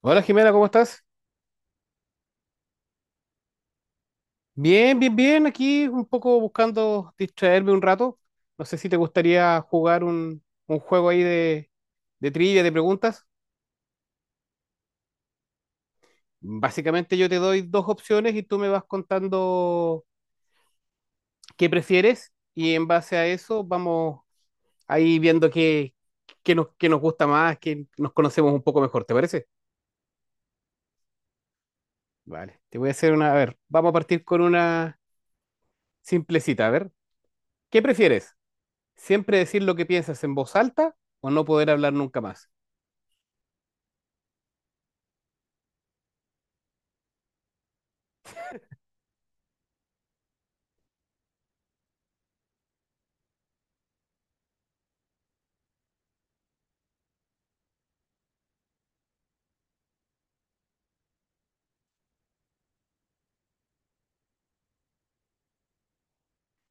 Hola Jimena, ¿cómo estás? Bien, bien, bien. Aquí un poco buscando distraerme un rato. No sé si te gustaría jugar un juego ahí de trivia, de preguntas. Básicamente yo te doy dos opciones y tú me vas contando qué prefieres y en base a eso vamos ahí viendo qué nos gusta más, qué nos conocemos un poco mejor, ¿te parece? Vale, te voy a hacer a ver, vamos a partir con una simplecita. A ver, ¿qué prefieres? ¿Siempre decir lo que piensas en voz alta o no poder hablar nunca más?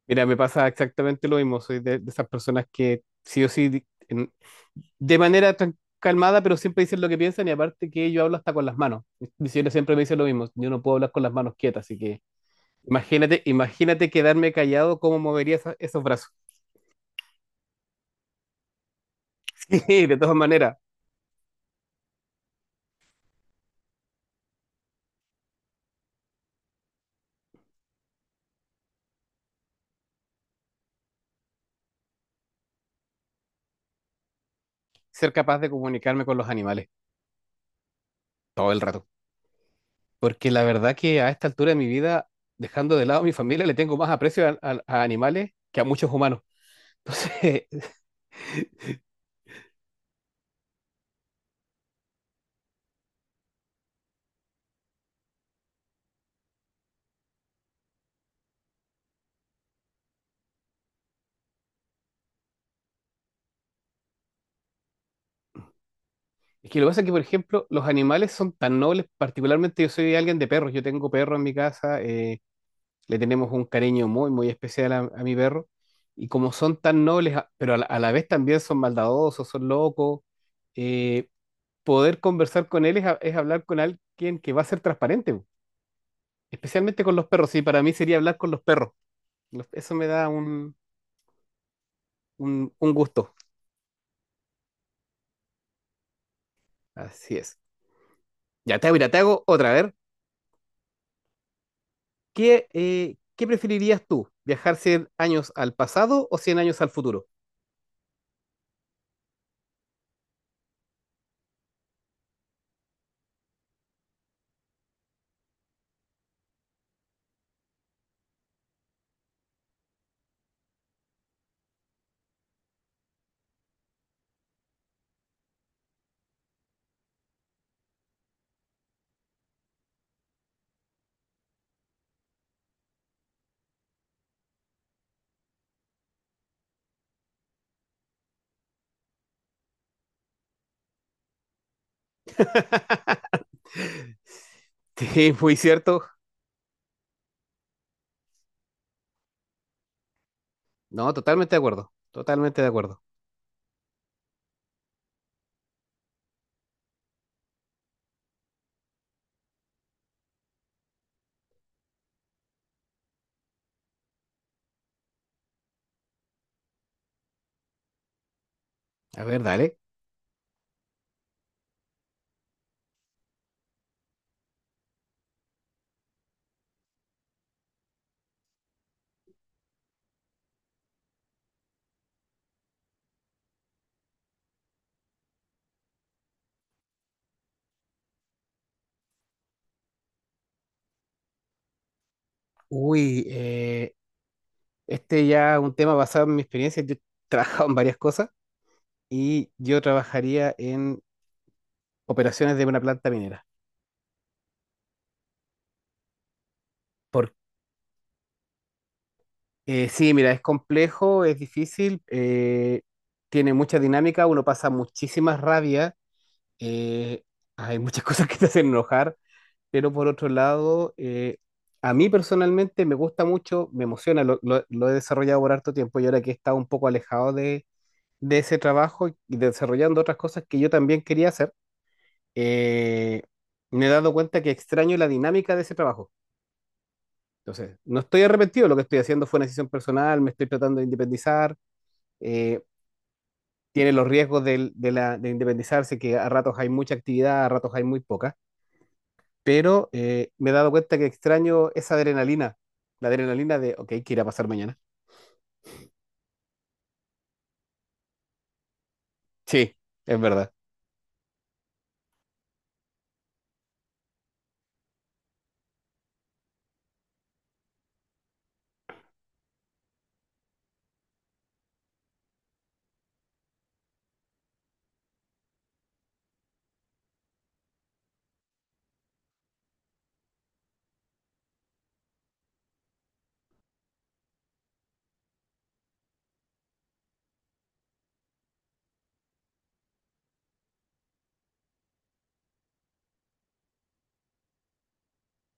Mira, me pasa exactamente lo mismo. Soy de esas personas que sí o sí, de manera tan calmada, pero siempre dicen lo que piensan, y aparte que yo hablo hasta con las manos. Mi señora siempre me dice lo mismo. Yo no puedo hablar con las manos quietas, así que imagínate, imagínate quedarme callado, cómo movería esos brazos. Sí, de todas maneras, ser capaz de comunicarme con los animales todo el rato. Porque la verdad que a esta altura de mi vida, dejando de lado a mi familia, le tengo más aprecio a animales que a muchos humanos. Entonces, es que lo que pasa es que, por ejemplo, los animales son tan nobles. Particularmente, yo soy alguien de perros, yo tengo perro en mi casa, le tenemos un cariño muy, muy especial a mi perro, y como son tan nobles, pero a la vez también son maldadosos, son locos. eh, Poder conversar con él es, es hablar con alguien que va a ser transparente, especialmente con los perros, y para mí sería hablar con los perros. Eso me da un gusto. Así es. Mira, te hago otra, a ver. ¿Qué preferirías tú? ¿Viajar 100 años al pasado o 100 años al futuro? Sí, muy cierto. No, totalmente de acuerdo. Totalmente de acuerdo. A ver, dale. Uy, este ya es un tema basado en mi experiencia. Yo he trabajado en varias cosas y yo trabajaría en operaciones de una planta minera. Por, sí, mira, es complejo, es difícil. Tiene mucha dinámica, uno pasa muchísimas rabias. eh, Hay muchas cosas que te hacen enojar, pero por otro lado, a mí personalmente me gusta mucho, me emociona, lo he desarrollado por harto tiempo, y ahora que he estado un poco alejado de ese trabajo y desarrollando otras cosas que yo también quería hacer, eh, me he dado cuenta que extraño la dinámica de ese trabajo. Entonces, no estoy arrepentido, lo que estoy haciendo fue una decisión personal, me estoy tratando de independizar. eh, Tiene los riesgos de independizarse, que a ratos hay mucha actividad, a ratos hay muy poca, pero me he dado cuenta que extraño esa adrenalina, la adrenalina ok, ¿qué irá a pasar mañana? Sí, es verdad.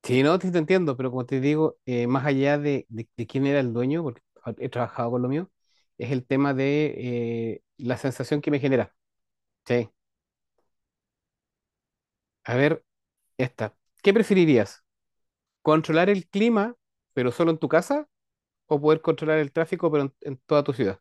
Sí, no, sí te entiendo, pero como te digo, más allá de, de quién era el dueño, porque he trabajado con lo mío, es el tema de la sensación que me genera. Sí. A ver, esta. ¿Qué preferirías? ¿Controlar el clima, pero solo en tu casa? ¿O poder controlar el tráfico, pero en toda tu ciudad?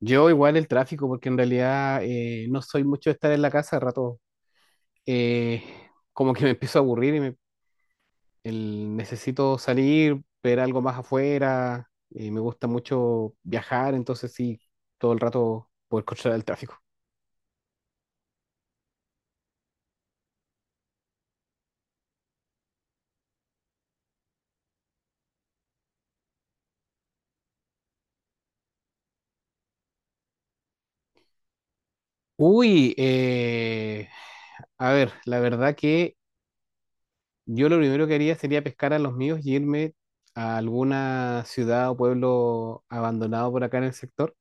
Yo igual el tráfico, porque en realidad, no soy mucho de estar en la casa rato. eh, Como que me empiezo a aburrir y necesito salir, ver algo más afuera. Me gusta mucho viajar, entonces sí, todo el rato poder controlar el tráfico. Uy, a ver, la verdad que yo lo primero que haría sería pescar a los míos y irme a alguna ciudad o pueblo abandonado por acá en el sector.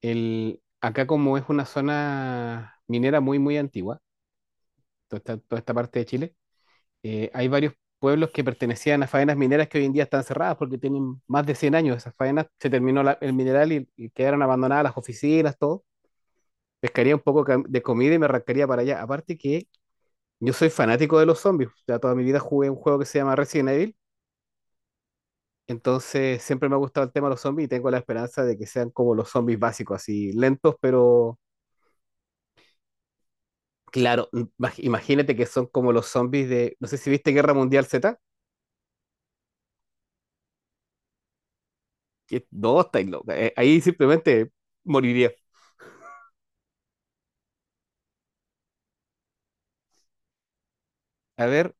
Acá, como es una zona minera muy, muy antigua, toda esta parte de Chile, hay varios pueblos que pertenecían a faenas mineras que hoy en día están cerradas porque tienen más de 100 años esas faenas. Se terminó el mineral, y quedaron abandonadas las oficinas, todo. Pescaría un poco de comida y me arrancaría para allá. Aparte que yo soy fanático de los zombies. Ya toda mi vida jugué un juego que se llama Resident Evil. Entonces siempre me ha gustado el tema de los zombies y tengo la esperanza de que sean como los zombies básicos, así lentos, pero claro, imagínate que son como los zombies no sé si viste Guerra Mundial Z, que no, estáis loca. Ahí simplemente moriría. A ver,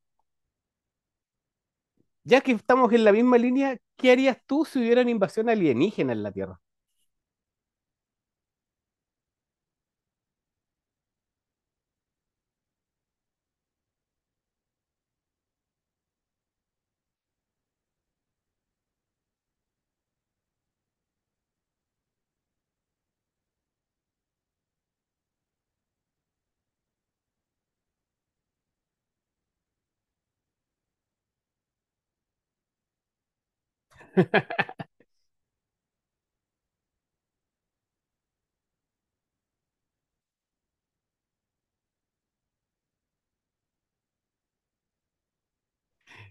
ya que estamos en la misma línea, ¿qué harías tú si hubiera una invasión alienígena en la Tierra?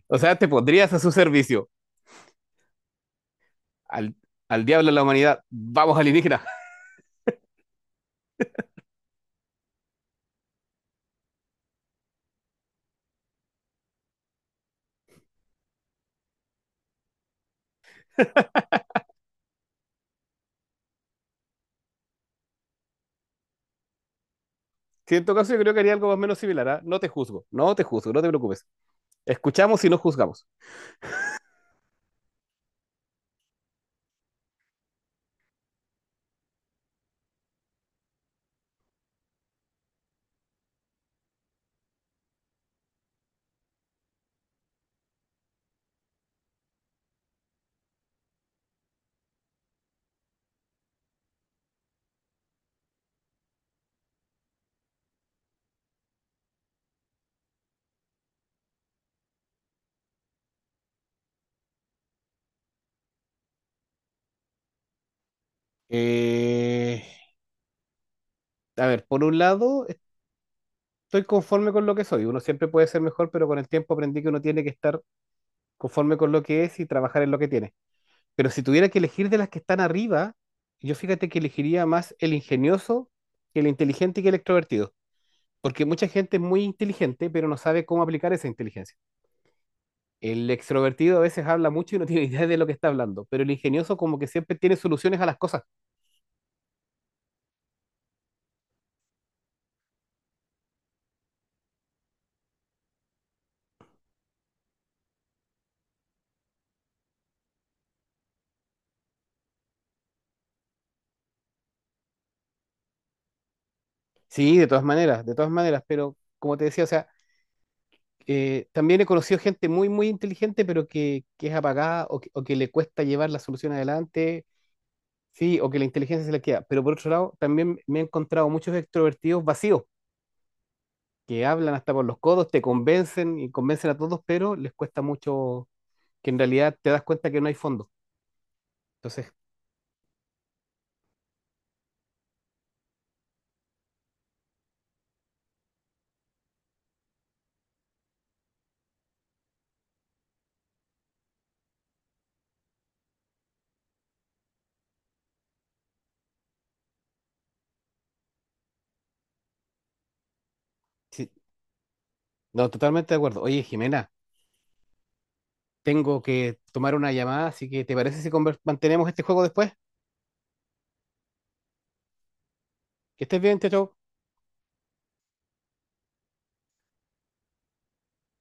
O sea, te pondrías a su servicio. Al, al diablo de la humanidad, vamos alienígena. Sí, en todo caso, yo creo que haría algo más o menos similar. ¿Ah? No te juzgo, no te juzgo, no te preocupes. Escuchamos y no juzgamos. Eh, a ver, por un lado, estoy conforme con lo que soy. Uno siempre puede ser mejor, pero con el tiempo aprendí que uno tiene que estar conforme con lo que es y trabajar en lo que tiene. Pero si tuviera que elegir de las que están arriba, yo, fíjate, que elegiría más el ingenioso que el inteligente y que el extrovertido. Porque mucha gente es muy inteligente, pero no sabe cómo aplicar esa inteligencia. El extrovertido a veces habla mucho y no tiene idea de lo que está hablando, pero el ingenioso, como que siempre tiene soluciones a las cosas. Sí, de todas maneras, pero como te decía, o sea, también he conocido gente muy, muy inteligente, pero que es apagada, o que le cuesta llevar la solución adelante. Sí, o que la inteligencia se les queda. Pero por otro lado, también me he encontrado muchos extrovertidos vacíos, que hablan hasta por los codos, te convencen y convencen a todos, pero les cuesta mucho, que en realidad te das cuenta que no hay fondo. Entonces, sí, no, totalmente de acuerdo. Oye, Jimena, tengo que tomar una llamada, así que ¿te parece si mantenemos este juego después? Que estés bien. Chao, chao.